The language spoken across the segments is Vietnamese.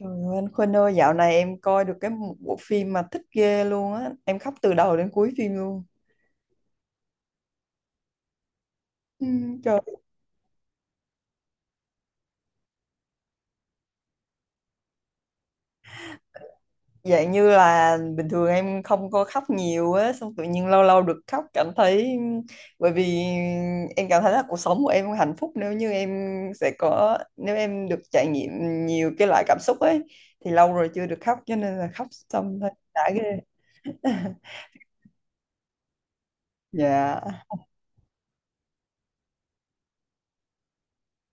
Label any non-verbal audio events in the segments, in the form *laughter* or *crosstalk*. Trời ơi, anh Khuynh ơi, dạo này em coi được cái một bộ phim mà thích ghê luôn á. Em khóc từ đầu đến cuối phim luôn. Ừ, trời, dạng như là bình thường em không có khóc nhiều á, xong tự nhiên lâu lâu được khóc cảm thấy. Bởi vì em cảm thấy là cuộc sống của em không hạnh phúc nếu như em sẽ có. Nếu em được trải nghiệm nhiều cái loại cảm xúc ấy, thì lâu rồi chưa được khóc, cho nên là khóc xong thấy đã ghê. *laughs* Dạ,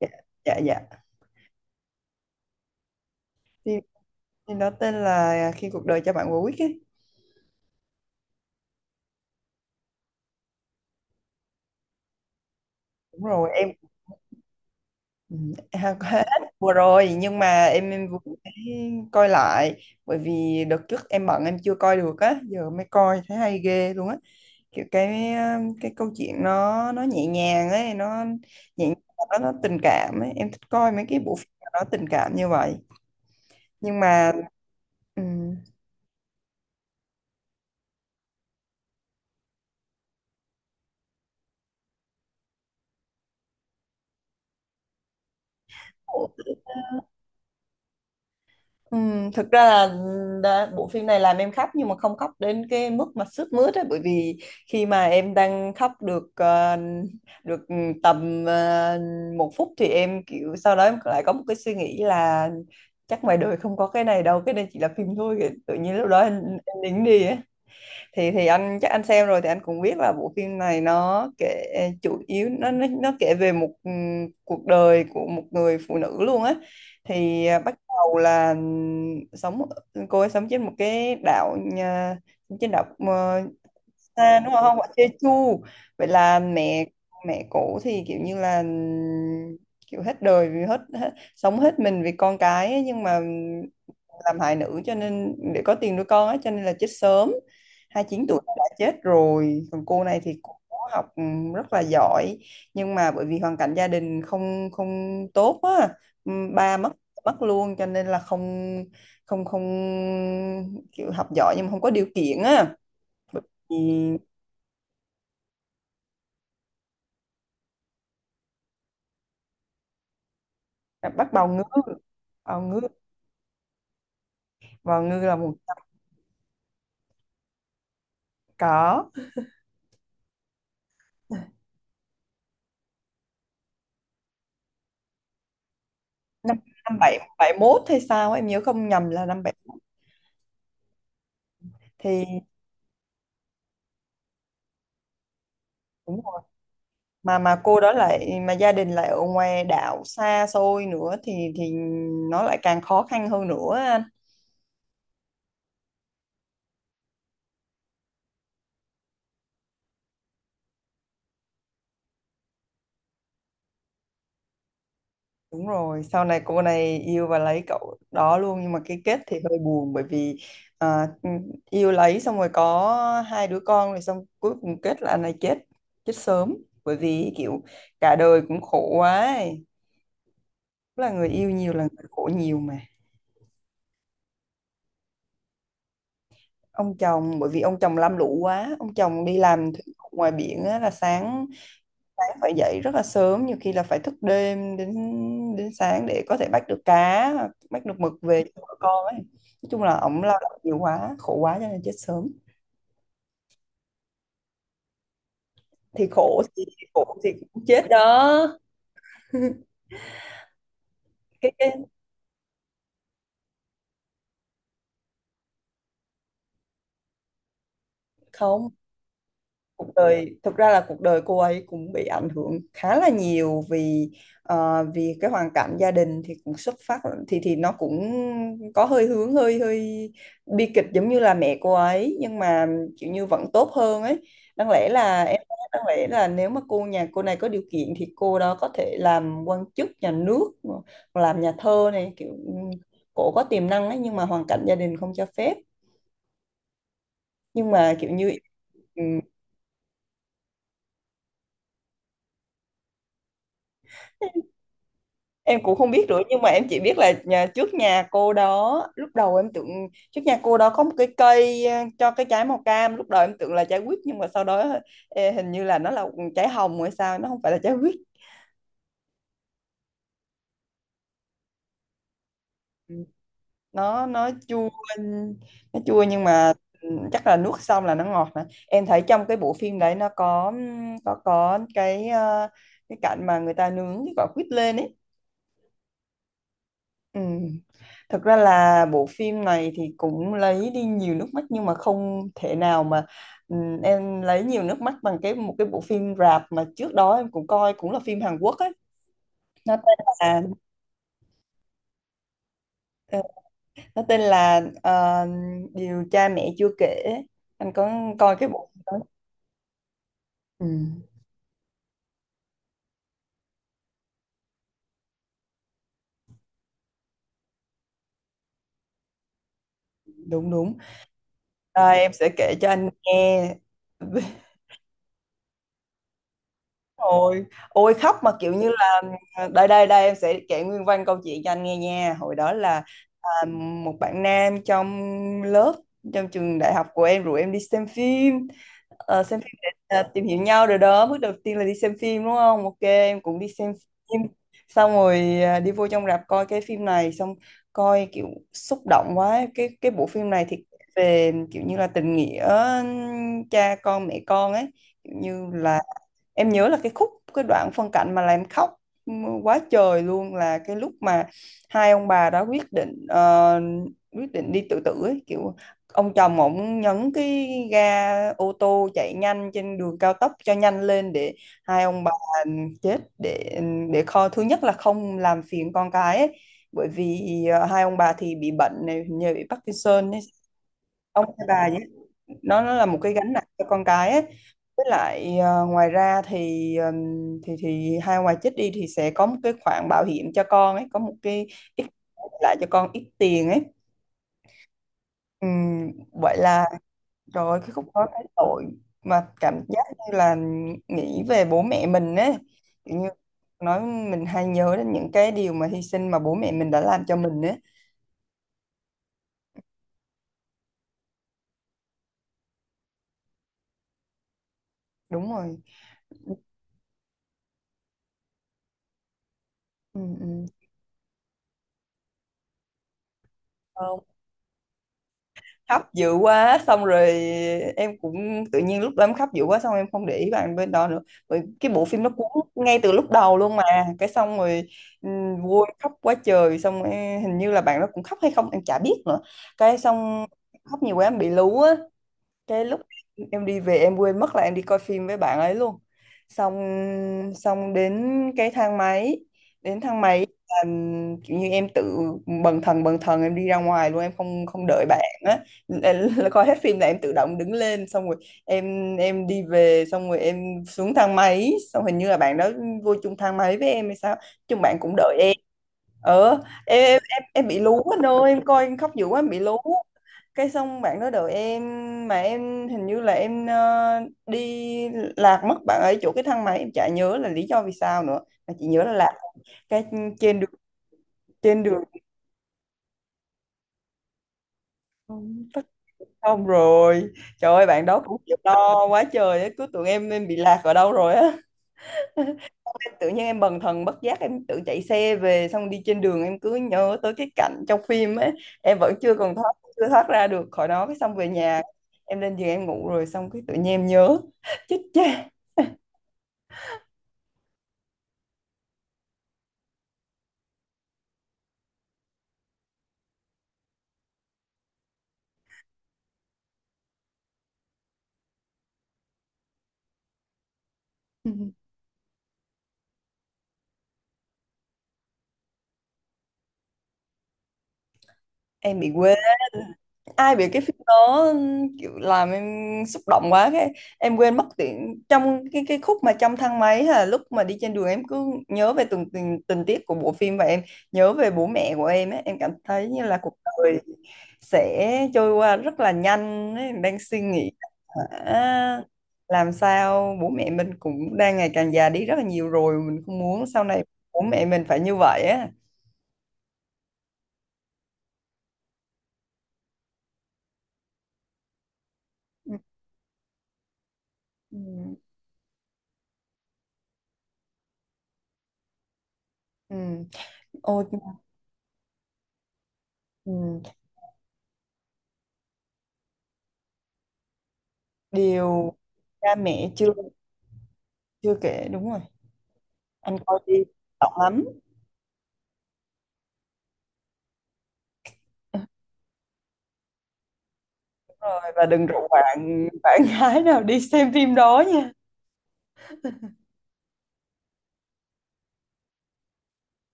dạ, dạ, dạ. Phim, phim đó tên là Khi cuộc đời cho bạn quả quýt ấy. Đúng rồi, em, ừ, à, có hết vừa rồi. Nhưng mà em vừa mới coi lại, bởi vì đợt trước em bận em chưa coi được á, giờ mới coi thấy hay ghê luôn á. Kiểu cái cái câu chuyện nó nhẹ nhàng ấy, nó nhẹ nhàng, nó tình cảm ấy, em thích coi mấy cái bộ phim mà nó tình cảm như vậy nhưng mà ừ, thực ra là đã, bộ phim này làm em khóc nhưng mà không khóc đến cái mức mà sướt mướt ấy, bởi vì khi mà em đang khóc được tầm 1 phút thì em kiểu sau đó em lại có một cái suy nghĩ là chắc ngoài đời không có cái này đâu, cái này chỉ là phim thôi. Tự nhiên lúc đó em nín đi. Thì anh chắc anh xem rồi thì anh cũng biết là bộ phim này nó kể, chủ yếu nó kể về một cuộc đời của một người phụ nữ luôn á. Thì à, bắt đầu là sống, cô ấy sống trên một cái đảo trên đảo xa đúng không, ở Jeju. Vậy là mẹ mẹ cổ thì kiểu như là kiểu hết đời vì hết sống hết mình vì con cái ấy, nhưng mà ừ, làm hại nữ cho nên để có tiền nuôi con á, cho nên là chết sớm. 29 tuổi đã chết rồi. Còn cô này thì cô có học, ừ, rất là giỏi, nhưng mà bởi vì hoàn cảnh gia đình không không tốt á. Ừ, ba mất mất luôn cho nên là không không không kiểu học giỏi nhưng mà không có điều kiện á. Thì bắt bào ngư, bào ngư, bào ngư là 100. Có, năm, năm bảy bảy mốt hay sao á, em nhớ không nhầm là năm bảy mốt. Thì mà cô đó lại, mà gia đình lại ở ngoài đảo xa xôi nữa, thì nó lại càng khó khăn hơn nữa anh. Đúng rồi, sau này cô này yêu và lấy cậu đó luôn, nhưng mà cái kết thì hơi buồn bởi vì à, yêu lấy xong rồi có hai đứa con rồi, xong cuối cùng kết là anh này chết, chết sớm, bởi vì kiểu cả đời cũng khổ quá ấy. Tức là người yêu nhiều là người khổ nhiều mà. Ông chồng, bởi vì ông chồng lam lũ quá, ông chồng đi làm thử ngoài biển á, là sáng sáng phải dậy rất là sớm, nhiều khi là phải thức đêm đến đến sáng để có thể bắt được cá, bắt được mực về cho vợ con ấy. Nói chung là ổng lao động nhiều quá, khổ quá cho nên chết sớm. Thì khổ thì, khổ thì cũng chết đó. *laughs* Cái không, cuộc đời, thực ra là cuộc đời cô ấy cũng bị ảnh hưởng khá là nhiều, vì vì cái hoàn cảnh gia đình thì cũng xuất phát, thì nó cũng có hơi hướng hơi hơi bi kịch giống như là mẹ cô ấy, nhưng mà kiểu như vẫn tốt hơn ấy. Đáng lẽ là nếu mà cô, nhà cô này có điều kiện thì cô đó có thể làm quan chức nhà nước, làm nhà thơ này, kiểu cổ có tiềm năng ấy, nhưng mà hoàn cảnh gia đình không cho phép. Nhưng mà kiểu như ừ, em cũng không biết nữa, nhưng mà em chỉ biết là trước nhà cô đó, lúc đầu em tưởng, trước nhà cô đó có một cái cây cho cái trái màu cam, lúc đầu em tưởng là trái quýt, nhưng mà sau đó hình như là nó là trái hồng hay sao, nó không phải là trái quýt. Ừ, nó chua. Nó chua nhưng mà chắc là nuốt xong là nó ngọt nè. Em thấy trong cái bộ phim đấy nó có cái cái cảnh mà người ta nướng cái quả quýt lên ấy. Ừ. Thật ra là bộ phim này thì cũng lấy đi nhiều nước mắt, nhưng mà không thể nào mà em lấy nhiều nước mắt bằng cái một cái bộ phim rạp mà trước đó em cũng coi, cũng là phim Hàn Quốc ấy. Nó tên là ờ, nó tên là ờ, Điều cha mẹ chưa kể. Anh có coi cái bộ phim đó. Ừ, đúng đúng. À, em sẽ kể cho anh nghe. *laughs* Ôi, ôi khóc mà kiểu như là đây đây đây, em sẽ kể nguyên văn câu chuyện cho anh nghe nha. Hồi đó là một bạn nam trong lớp, trong trường đại học của em rủ em đi xem phim. Ờ, xem phim để tìm hiểu nhau rồi đó, bước đầu tiên là đi xem phim đúng không. Ok, em cũng đi xem phim, xong rồi đi vô trong rạp coi cái phim này, xong coi kiểu xúc động quá. Cái bộ phim này thì về kiểu như là tình nghĩa cha con mẹ con ấy, kiểu như là em nhớ là cái khúc, cái đoạn phân cảnh mà làm em khóc quá trời luôn là cái lúc mà hai ông bà đã quyết định quyết định đi tự tử ấy, kiểu ông chồng, ổng nhấn cái ga ô tô chạy nhanh trên đường cao tốc cho nhanh lên để hai ông bà, ừ, chết, để kho thứ nhất là không làm phiền con cái ấy. Bởi vì hai ông bà thì bị bệnh này, hình như bị Parkinson ấy, ông hay bà vậy, nó là một cái gánh nặng cho con cái ấy. Với lại ngoài ra thì thì hai ngoài chết đi thì sẽ có một cái khoản bảo hiểm cho con ấy, có một cái ít, lại cho con ít tiền ấy. Vậy là trời ơi, cái khúc đó cái tội, mà cảm giác như là nghĩ về bố mẹ mình ấy, kiểu như nói mình hay nhớ đến những cái điều mà hy sinh mà bố mẹ mình đã làm cho mình ấy. Đúng rồi, ừ, ừ. Khóc dữ quá xong rồi em cũng, tự nhiên lúc đó em khóc dữ quá xong em không để ý bạn bên đó nữa, rồi cái bộ phim nó cuốn ngay từ lúc đầu luôn mà. Cái xong rồi vui khóc quá trời xong em, hình như là bạn đó cũng khóc hay không em chả biết nữa. Cái xong khóc nhiều quá em bị lú á. Cái lúc em đi về em quên mất là em đi coi phim với bạn ấy luôn. Xong xong đến cái thang máy, đến thang máy là kiểu như em tự bần thần bần thần, em đi ra ngoài luôn, em không không đợi bạn á. Là *laughs* coi hết phim là em tự động đứng lên, xong rồi em đi về, xong rồi em xuống thang máy, xong hình như là bạn đó vô chung thang máy với em hay sao, chung bạn cũng đợi em. Ờ, em bị lú anh ơi, em coi em khóc dữ quá em bị lú. Cái xong bạn đó đợi em, mà em hình như là em đi lạc mất bạn ấy chỗ cái thang máy, em chả nhớ là lý do vì sao nữa, mà chỉ nhớ là lạc. Cái trên đường trên đường phát, xong rồi trời ơi bạn đó cũng chịu lo quá trời á, cứ tưởng em bị lạc ở đâu rồi á. Tự nhiên em bần thần bất giác em tự chạy xe về, xong đi trên đường em cứ nhớ tới cái cảnh trong phim ấy, em vẫn chưa còn thoát, chưa thoát ra được khỏi nó. Cái xong về nhà em lên giường em ngủ rồi, xong cái tự nhiên em nhớ. *laughs* Chết cha, em bị quê, ai biết cái phim đó kiểu làm em xúc động quá. Cái em quên mất tiền trong cái khúc mà trong thang máy hay là lúc mà đi trên đường, em cứ nhớ về từng tình tiết của bộ phim, và em nhớ về bố mẹ của em ấy. Em cảm thấy như là cuộc đời sẽ trôi qua rất là nhanh ấy. Em đang suy nghĩ à, làm sao bố mẹ mình cũng đang ngày càng già đi rất là nhiều rồi, mình không muốn sau này bố mẹ mình phải như vậy á. Ừ. Ừ. Ôi, ừ, điều cha mẹ chưa chưa kể, đúng rồi, anh coi đi, động lắm rồi, và đừng rủ bạn bạn *laughs* gái nào đi xem phim đó nha.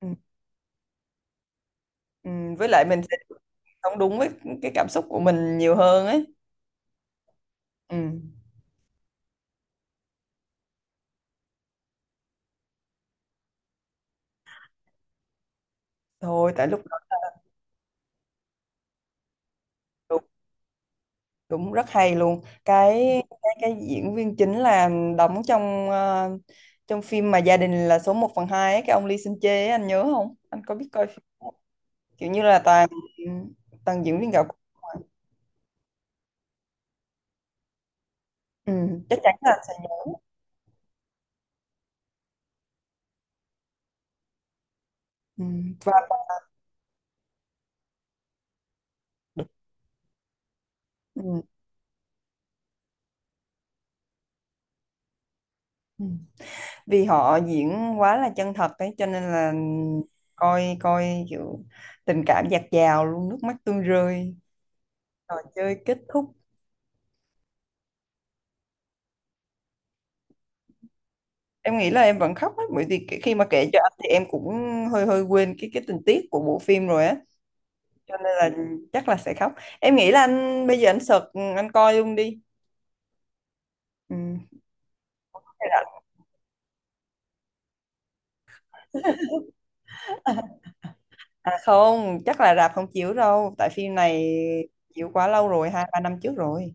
Ừ, ừ, với lại mình sẽ sống đúng với cái cảm xúc của mình nhiều hơn ấy. Ừ. Thôi tại lúc đó, đúng, đúng rất hay luôn. Cái cái diễn viên chính là đóng trong trong phim mà Gia đình là số 1 phần 2 ấy, cái ông Lee Seung Jae ấy, anh nhớ không, anh có biết coi phim đó không? Kiểu như là toàn toàn diễn viên gạo. Ừ, chắc chắn là sẽ nhớ. Ừ, và ừ, ừ. Vì họ diễn quá là chân thật ấy, cho nên là coi coi kiểu tình cảm dạt dào luôn, nước mắt tuôn rơi, trò chơi kết thúc. Em nghĩ là em vẫn khóc ấy, bởi vì khi mà kể cho anh thì em cũng hơi hơi quên cái tình tiết của bộ phim rồi á, cho nên là chắc là sẽ khóc. Em nghĩ là anh bây giờ anh search, anh coi luôn đi. Ừ. À không, chắc là rạp không chiếu đâu tại phim này chiếu quá lâu rồi, hai ba năm trước rồi.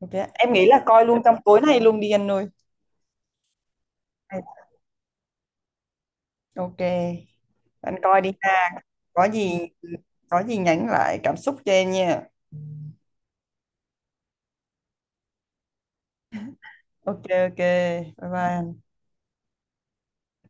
Ok, em nghĩ là coi luôn trong tối nay luôn đi anh ơi. Ok, anh coi đi ha. Có gì, có gì nhắn lại cảm xúc cho em nha. Ok, ok. Bye bye.